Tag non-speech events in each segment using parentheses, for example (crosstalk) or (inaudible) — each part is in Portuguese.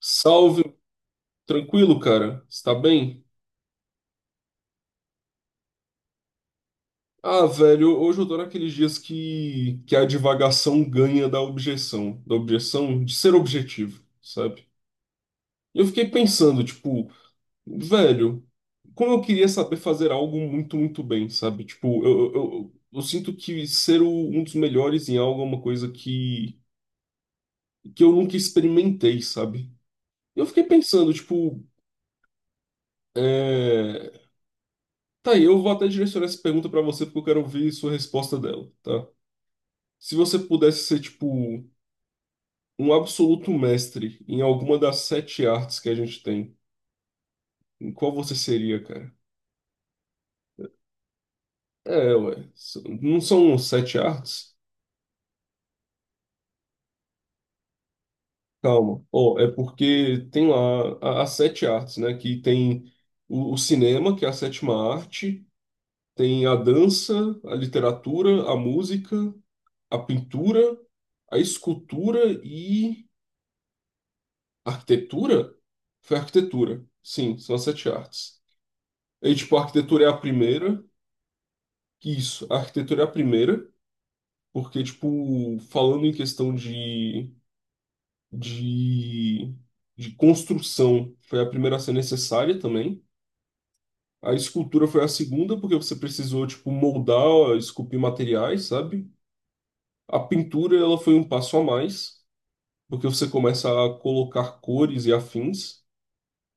Salve, tranquilo, cara? Está bem? Ah, velho, hoje eu tô naqueles dias que a divagação ganha da objeção de ser objetivo, sabe? E eu fiquei pensando, tipo, velho, como eu queria saber fazer algo muito, muito bem, sabe? Tipo, eu sinto que ser um dos melhores em algo é uma coisa que eu nunca experimentei, sabe? E eu fiquei pensando, tipo, é... Tá aí, eu vou até direcionar essa pergunta pra você porque eu quero ouvir sua resposta dela, tá? Se você pudesse ser, tipo, um absoluto mestre em alguma das sete artes que a gente tem, em qual você seria, cara? É, ué. Não são sete artes? Calma. Ó, é porque tem lá as sete artes, né? Que tem o cinema, que é a sétima arte, tem a dança, a literatura, a música, a pintura, a escultura e a arquitetura? Foi a arquitetura. Sim, são as sete artes. E, tipo, a arquitetura é a primeira. Isso, a arquitetura é a primeira, porque, tipo, falando em questão de, de construção, foi a primeira a ser necessária também. A escultura foi a segunda, porque você precisou, tipo, moldar, esculpir materiais, sabe? A pintura, ela foi um passo a mais, porque você começa a colocar cores e afins.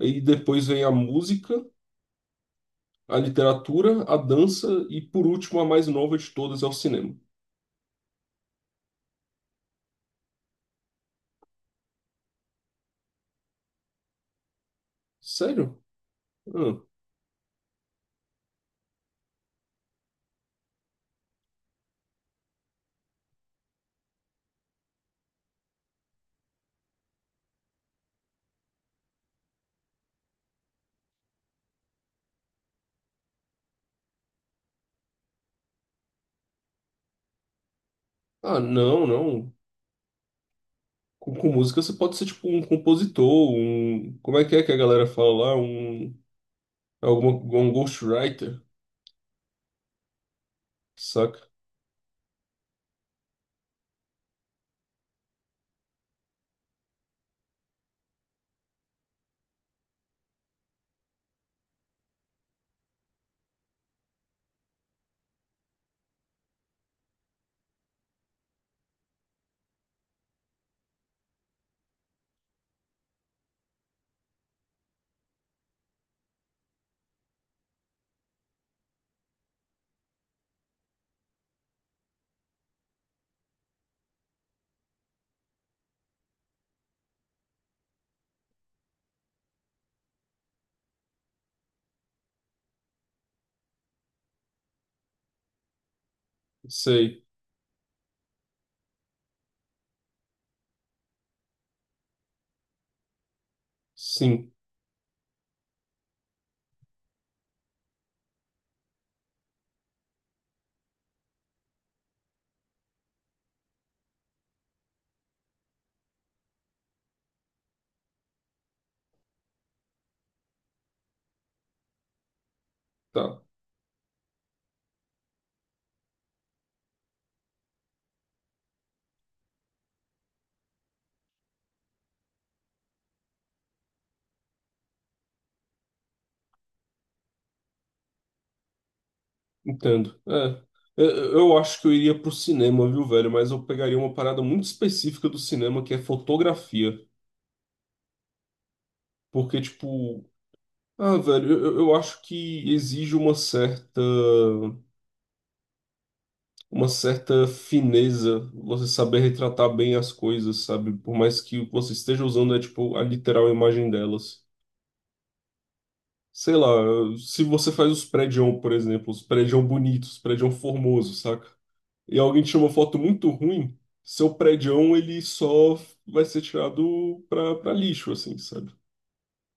E depois vem a música, a literatura, a dança e, por último, a mais nova de todas, é o cinema. Sério? Ah. Ah, não, não. Com música você pode ser tipo um compositor, um. Como é que a galera fala lá? Um. é Alguma, Um ghostwriter, saca? Sei. Sim, tá. Entendo. É. Eu acho que eu iria pro cinema, viu, velho? Mas eu pegaria uma parada muito específica do cinema, que é fotografia. Porque, tipo. Ah, velho, eu acho que exige uma certa fineza, você saber retratar bem as coisas, sabe? Por mais que o você esteja usando é tipo a literal imagem delas. Sei lá, se você faz os prédios, por exemplo, os prédios bonitos, os prédios formosos, saca? E alguém tira uma foto muito ruim, seu prédião ele só vai ser tirado pra lixo, assim, sabe?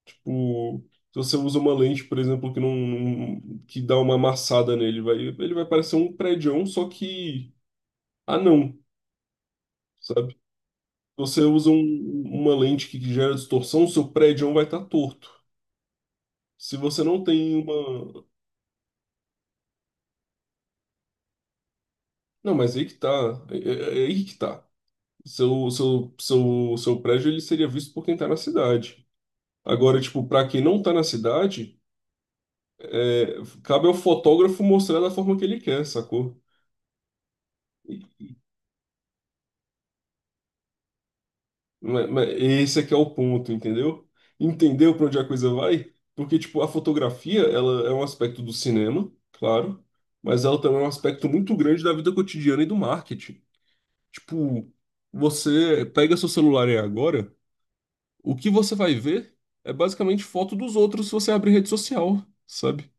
Tipo, se você usa uma lente, por exemplo, que não, que dá uma amassada nele, vai, ele vai parecer um prédião, só que ah não, sabe? Você usa uma lente que gera distorção, o seu prédio vai estar torto. Se você não tem uma. Não, mas aí que tá. É, é aí que tá. Seu prédio ele seria visto por quem tá na cidade. Agora, tipo, pra quem não tá na cidade, é, cabe ao fotógrafo mostrar da forma que ele quer, sacou? Esse aqui é o ponto, entendeu? Entendeu para onde a coisa vai? Porque, tipo, a fotografia, ela é um aspecto do cinema, claro, mas ela também é um aspecto muito grande da vida cotidiana e do marketing. Tipo, você pega seu celular aí agora, o que você vai ver é basicamente foto dos outros se você abrir rede social, sabe?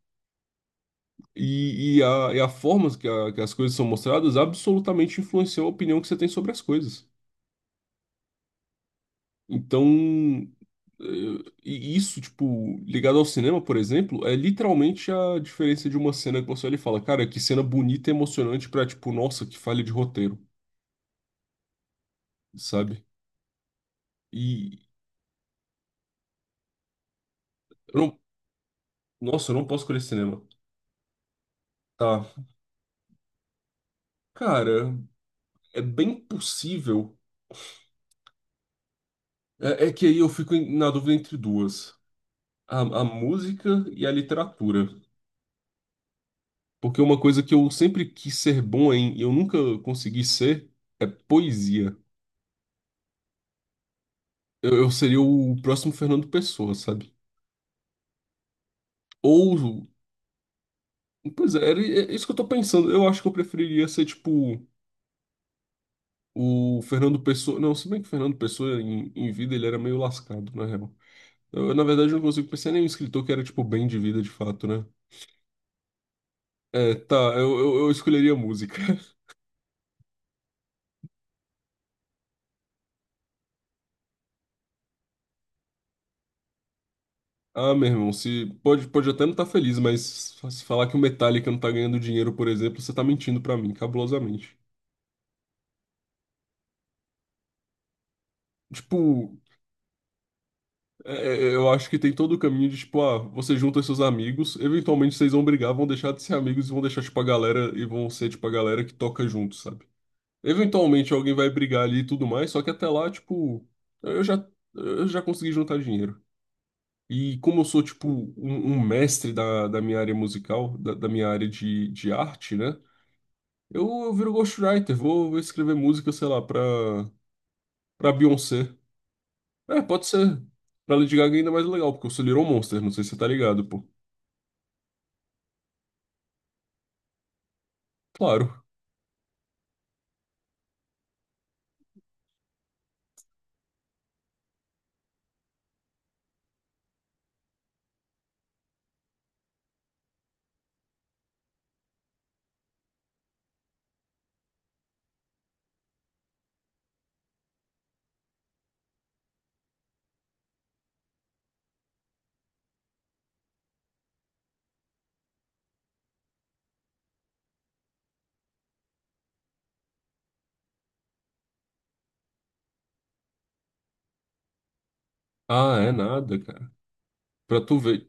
E a forma que as coisas são mostradas absolutamente influenciou a opinião que você tem sobre as coisas. Então, e isso, tipo, ligado ao cinema, por exemplo, é literalmente a diferença de uma cena que você olha e fala, cara, que cena bonita e emocionante pra, tipo, nossa, que falha de roteiro, sabe? E eu não, nossa, eu não posso escolher cinema. Tá. Cara, é bem possível. É, é que aí eu fico na dúvida entre duas: a música e a literatura. Porque uma coisa que eu sempre quis ser bom em e eu nunca consegui ser é poesia. Eu seria o próximo Fernando Pessoa, sabe? Ou, pois é, é isso que eu tô pensando. Eu acho que eu preferiria ser, tipo, o Fernando Pessoa. Não, se bem que o Fernando Pessoa, em vida, ele era meio lascado, na real. Eu, na verdade, eu não consigo pensar em nenhum escritor que era, tipo, bem de vida, de fato, né? É, tá, eu escolheria música. (laughs) Ah, meu irmão, se, pode até não estar feliz, mas se falar que o Metallica não tá ganhando dinheiro, por exemplo, você tá mentindo pra mim, cabulosamente. Tipo, eu acho que tem todo o caminho de, tipo, ah, você junta seus amigos, eventualmente vocês vão brigar, vão deixar de ser amigos e vão deixar, tipo, a galera, e vão ser, tipo, a galera que toca junto, sabe? Eventualmente alguém vai brigar ali e tudo mais, só que até lá, tipo, eu já, eu já consegui juntar dinheiro. E como eu sou, tipo, um mestre da minha área musical, da minha área de arte, né? Eu viro ghostwriter, vou escrever música, sei lá, pra Beyoncé. É, pode ser. Pra Lady Gaga é ainda mais legal, porque eu sou Little Monster, não sei se você tá ligado, pô. Claro. Ah, é nada, cara. Pra tu ver,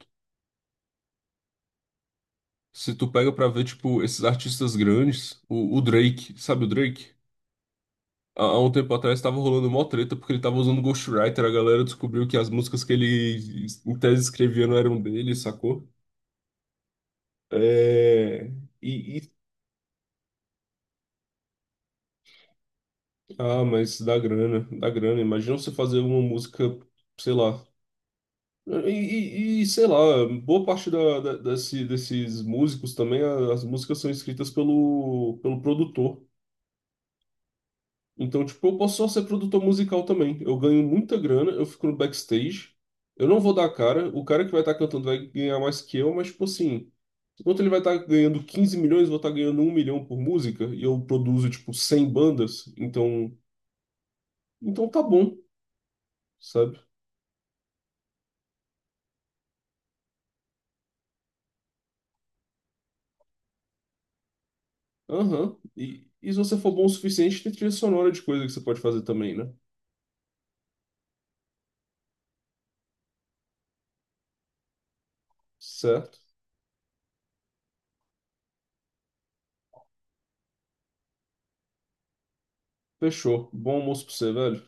se tu pega pra ver, tipo, esses artistas grandes, o Drake, sabe o Drake? Há um tempo atrás tava rolando mó treta porque ele tava usando Ghostwriter, a galera descobriu que as músicas que ele, em tese, escrevia não eram dele, sacou? É... E, e- Ah, mas dá grana, dá grana. Imagina você fazer uma música, sei lá. E, e, sei lá, boa parte desses músicos também, as músicas são escritas pelo produtor. Então, tipo, eu posso só ser produtor musical também. Eu ganho muita grana, eu fico no backstage. Eu não vou dar a cara. O cara que vai estar cantando vai ganhar mais que eu, mas, tipo assim, enquanto ele vai estar ganhando 15 milhões, eu vou estar ganhando 1 milhão por música. E eu produzo, tipo, 100 bandas. Então, tá bom, sabe? Aham. E se você for bom o suficiente, tem trilha sonora de coisa que você pode fazer também, né? Certo? Fechou. Bom almoço pra você, velho.